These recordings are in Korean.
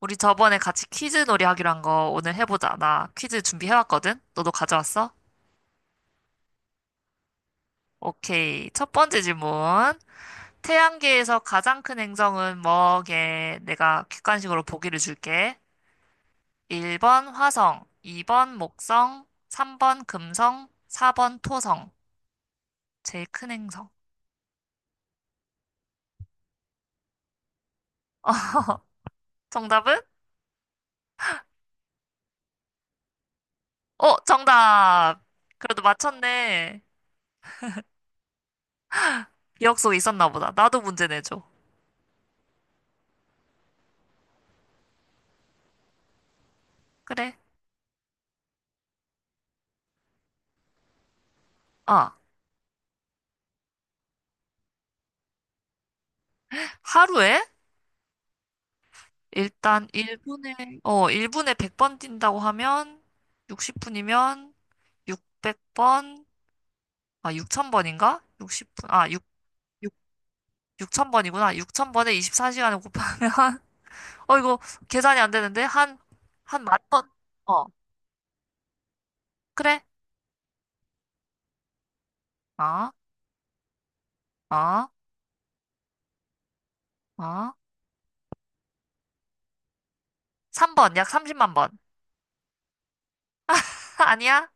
우리 저번에 같이 퀴즈 놀이 하기로 한 거 오늘 해보자. 나 퀴즈 준비해왔거든? 너도 가져왔어? 오케이. 첫 번째 질문. 태양계에서 가장 큰 행성은 뭐게? 내가 객관식으로 보기를 줄게. 1번 화성, 2번 목성, 3번 금성, 4번 토성. 제일 큰 행성. 정답은? 어, 정답! 그래도 맞췄네. 기억 속에 있었나 보다. 나도 문제 내줘. 그래. 아, 하루에 일단 1분에 100번 뛴다고 하면 60분이면 600번 아 6000번인가? 60분 아 6, 육육0 0 0번이구나 6000번에 24시간을 곱하면 이거 계산이 안 되는데 한 만 번. 어. 그래. 어. 어. 어. 3번 약 30만 번. 아니야?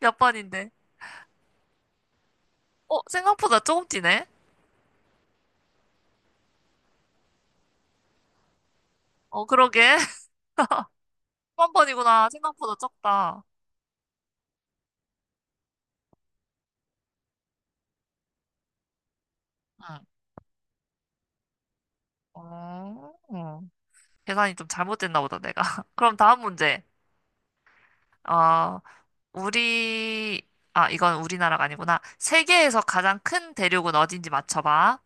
몇 번인데? 생각보다 조금 뛰네. 어, 그러게. 3번이구나. 생각보다 적다. 응. 어. 어. 계산이 좀 잘못됐나 보다, 내가. 그럼 다음 문제. 어, 우리, 아, 이건 우리나라가 아니구나. 세계에서 가장 큰 대륙은 어딘지 맞춰봐.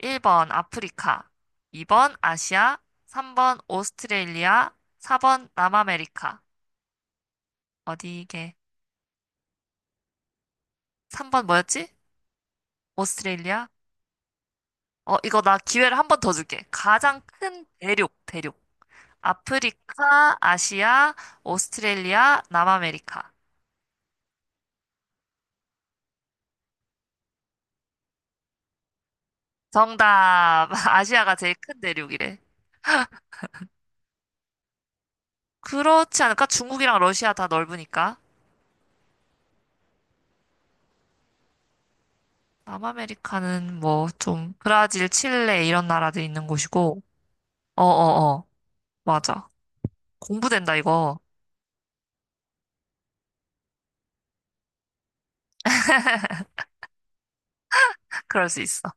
1번 아프리카, 2번 아시아, 3번 오스트레일리아, 4번 남아메리카. 어디게? 3번 뭐였지? 오스트레일리아? 어, 이거 나 기회를 한 번 더 줄게. 가장 큰 대륙, 대륙. 아프리카, 아시아, 오스트레일리아, 남아메리카. 정답. 아시아가 제일 큰 대륙이래. 그렇지 않을까? 중국이랑 러시아 다 넓으니까. 남아메리카는 뭐 좀 브라질, 칠레 이런 나라들이 있는 곳이고. 어어어. 맞아. 공부된다 이거. 그럴 수 있어.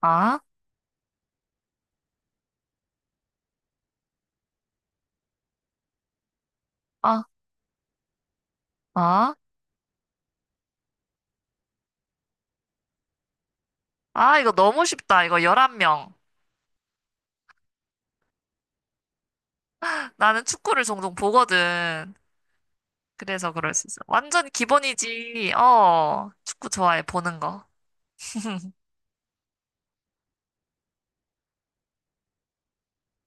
아? 아? 아? 아, 이거 너무 쉽다. 이거 11명. 나는 축구를 종종 보거든. 그래서 그럴 수 있어. 완전 기본이지. 어. 축구 좋아해. 보는 거.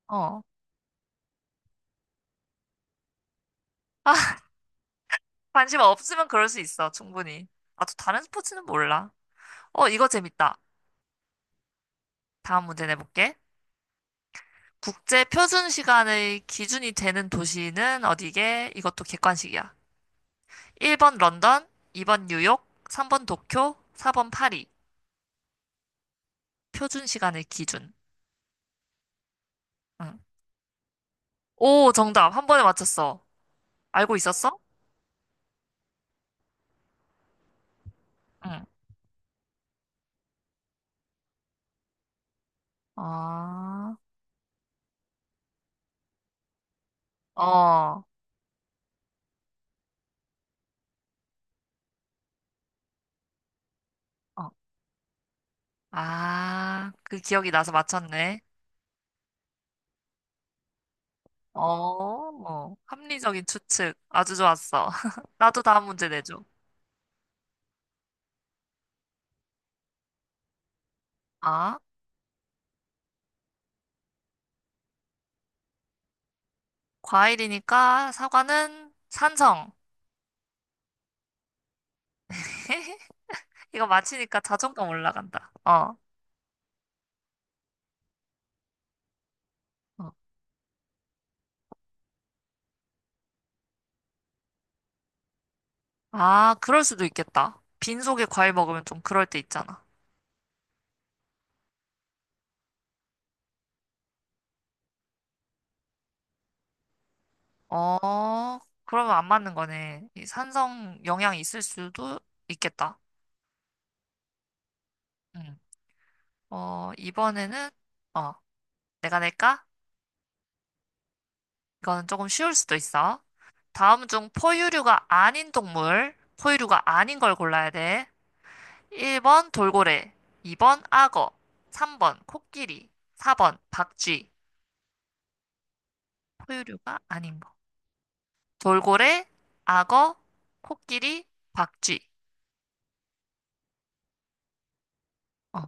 어. 관심 없으면 그럴 수 있어. 충분히. 나도 다른 스포츠는 몰라. 어, 이거 재밌다. 다음 문제 내볼게. 국제 표준 시간의 기준이 되는 도시는 어디게? 이것도 객관식이야. 1번 런던, 2번 뉴욕, 3번 도쿄, 4번 파리. 표준 시간의 기준. 응. 오, 정답. 한 번에 맞췄어. 알고 있었어? 응. 아, 어, 어. 아, 그 기억이 나서 맞췄네. 어, 어. 합리적인 추측. 아주 좋았어. 나도 다음 문제 내줘. 아. 과일이니까 사과는 산성. 이거 맞히니까 자존감 올라간다. 어. 어. 아, 그럴 수도 있겠다. 빈속에 과일 먹으면 좀 그럴 때 있잖아. 어, 그러면 안 맞는 거네. 이 산성 영향이 있을 수도 있겠다. 응. 어, 이번에는, 어, 내가 낼까? 이거는 조금 쉬울 수도 있어. 다음 중 포유류가 아닌 동물, 포유류가 아닌 걸 골라야 돼. 1번 돌고래, 2번 악어, 3번 코끼리, 4번 박쥐. 포유류가 아닌 거. 돌고래, 악어, 코끼리, 박쥐. 어,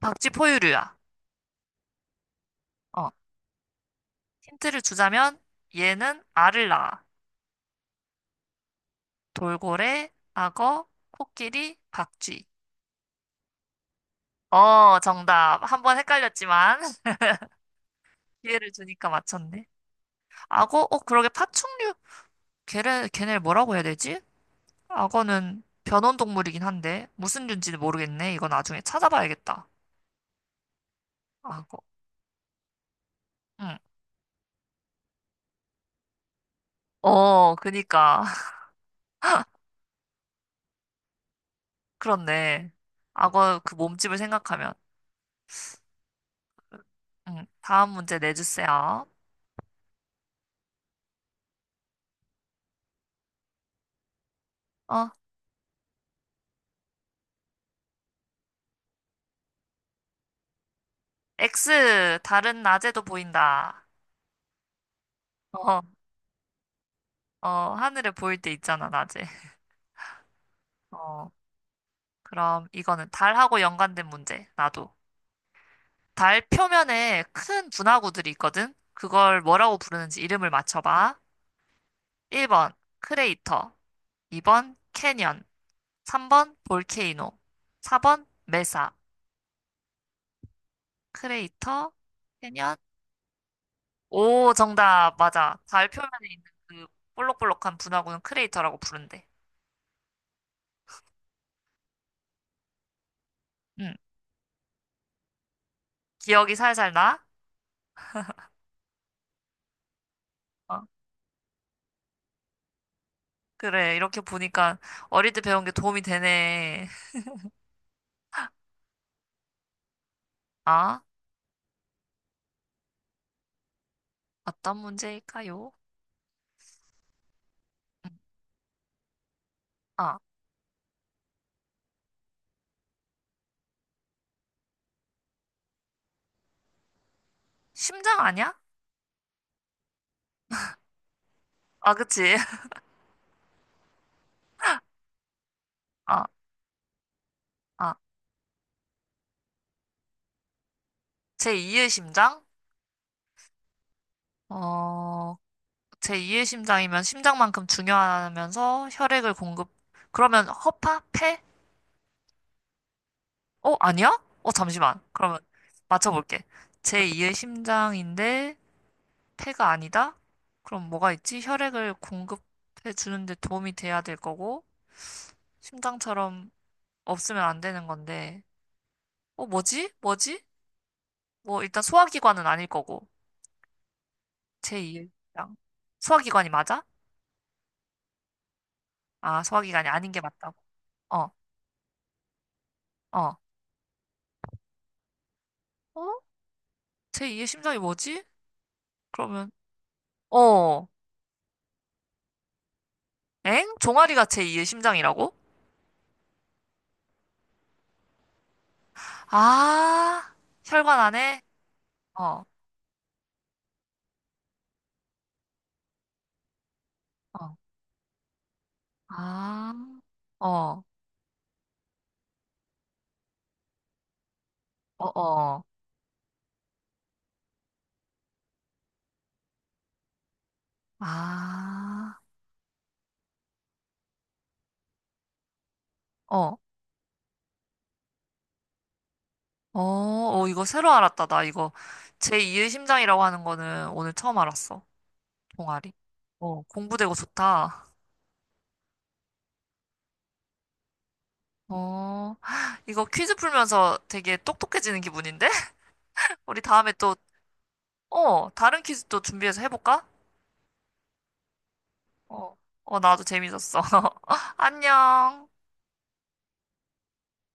박쥐 포유류야. 어, 힌트를 주자면 얘는 알을 낳아. 돌고래, 악어, 코끼리, 박쥐. 어, 정답. 한번 헷갈렸지만 기회를 주니까 맞췄네. 악어, 그러게 파충류. 걔네를 뭐라고 해야 되지? 악어는 변온 동물이긴 한데 무슨 류인지는 모르겠네. 이건 나중에 찾아봐야겠다. 악어. 응. 어, 그니까. 그렇네. 악어 그 몸집을 생각하면. 응. 다음 문제 내주세요. 어, X 다른 낮에도 보인다. 어, 어, 하늘에 보일 때 있잖아, 낮에. 어, 그럼 이거는 달하고 연관된 문제. 나도. 달 표면에 큰 분화구들이 있거든. 그걸 뭐라고 부르는지 이름을 맞춰봐. 1번 크레이터, 2번 캐년, 3번 볼케이노, 4번 메사, 크레이터, 캐년. 오, 정답. 맞아. 달 표면에 있는 그 볼록볼록한 분화구는 크레이터라고 부른대. 응. 기억이 살살 나? 어, 그래. 이렇게 보니까 어릴 때 배운 게 도움이 되네. 아, 어떤 문제일까요? 음, 아, 심장 아니야? 아, 그치. 아, 아, 제2의 심장? 어, 제2의 심장이면 심장만큼 중요하면서 혈액을 공급. 그러면 허파? 폐? 어, 아니야? 어, 잠시만. 그러면 맞춰볼게. 제2의 심장인데 폐가 아니다? 그럼 뭐가 있지? 혈액을 공급해 주는데 도움이 돼야 될 거고, 심장처럼 없으면 안 되는 건데, 뭐지? 뭐지? 뭐, 일단 소화기관은 아닐 거고, 제2의 심장. 소화기관이 맞아? 아, 소화기관이 아닌 게 맞다고. 어, 어. 어? 제2의 심장이 뭐지? 그러면 어. 엥? 종아리가 제2의 심장이라고? 아, 혈관 안에? 어, 어, 아, 어, 어, 어, 아, 어, 어, 어, 어, 이거 새로 알았다. 나 이거 제2의 심장이라고 하는 거는 오늘 처음 알았어. 종아리. 어, 공부되고 좋다. 어, 이거 퀴즈 풀면서 되게 똑똑해지는 기분인데? 우리 다음에 또, 다른 퀴즈 또 준비해서 해볼까? 어, 어, 나도 재밌었어. 안녕.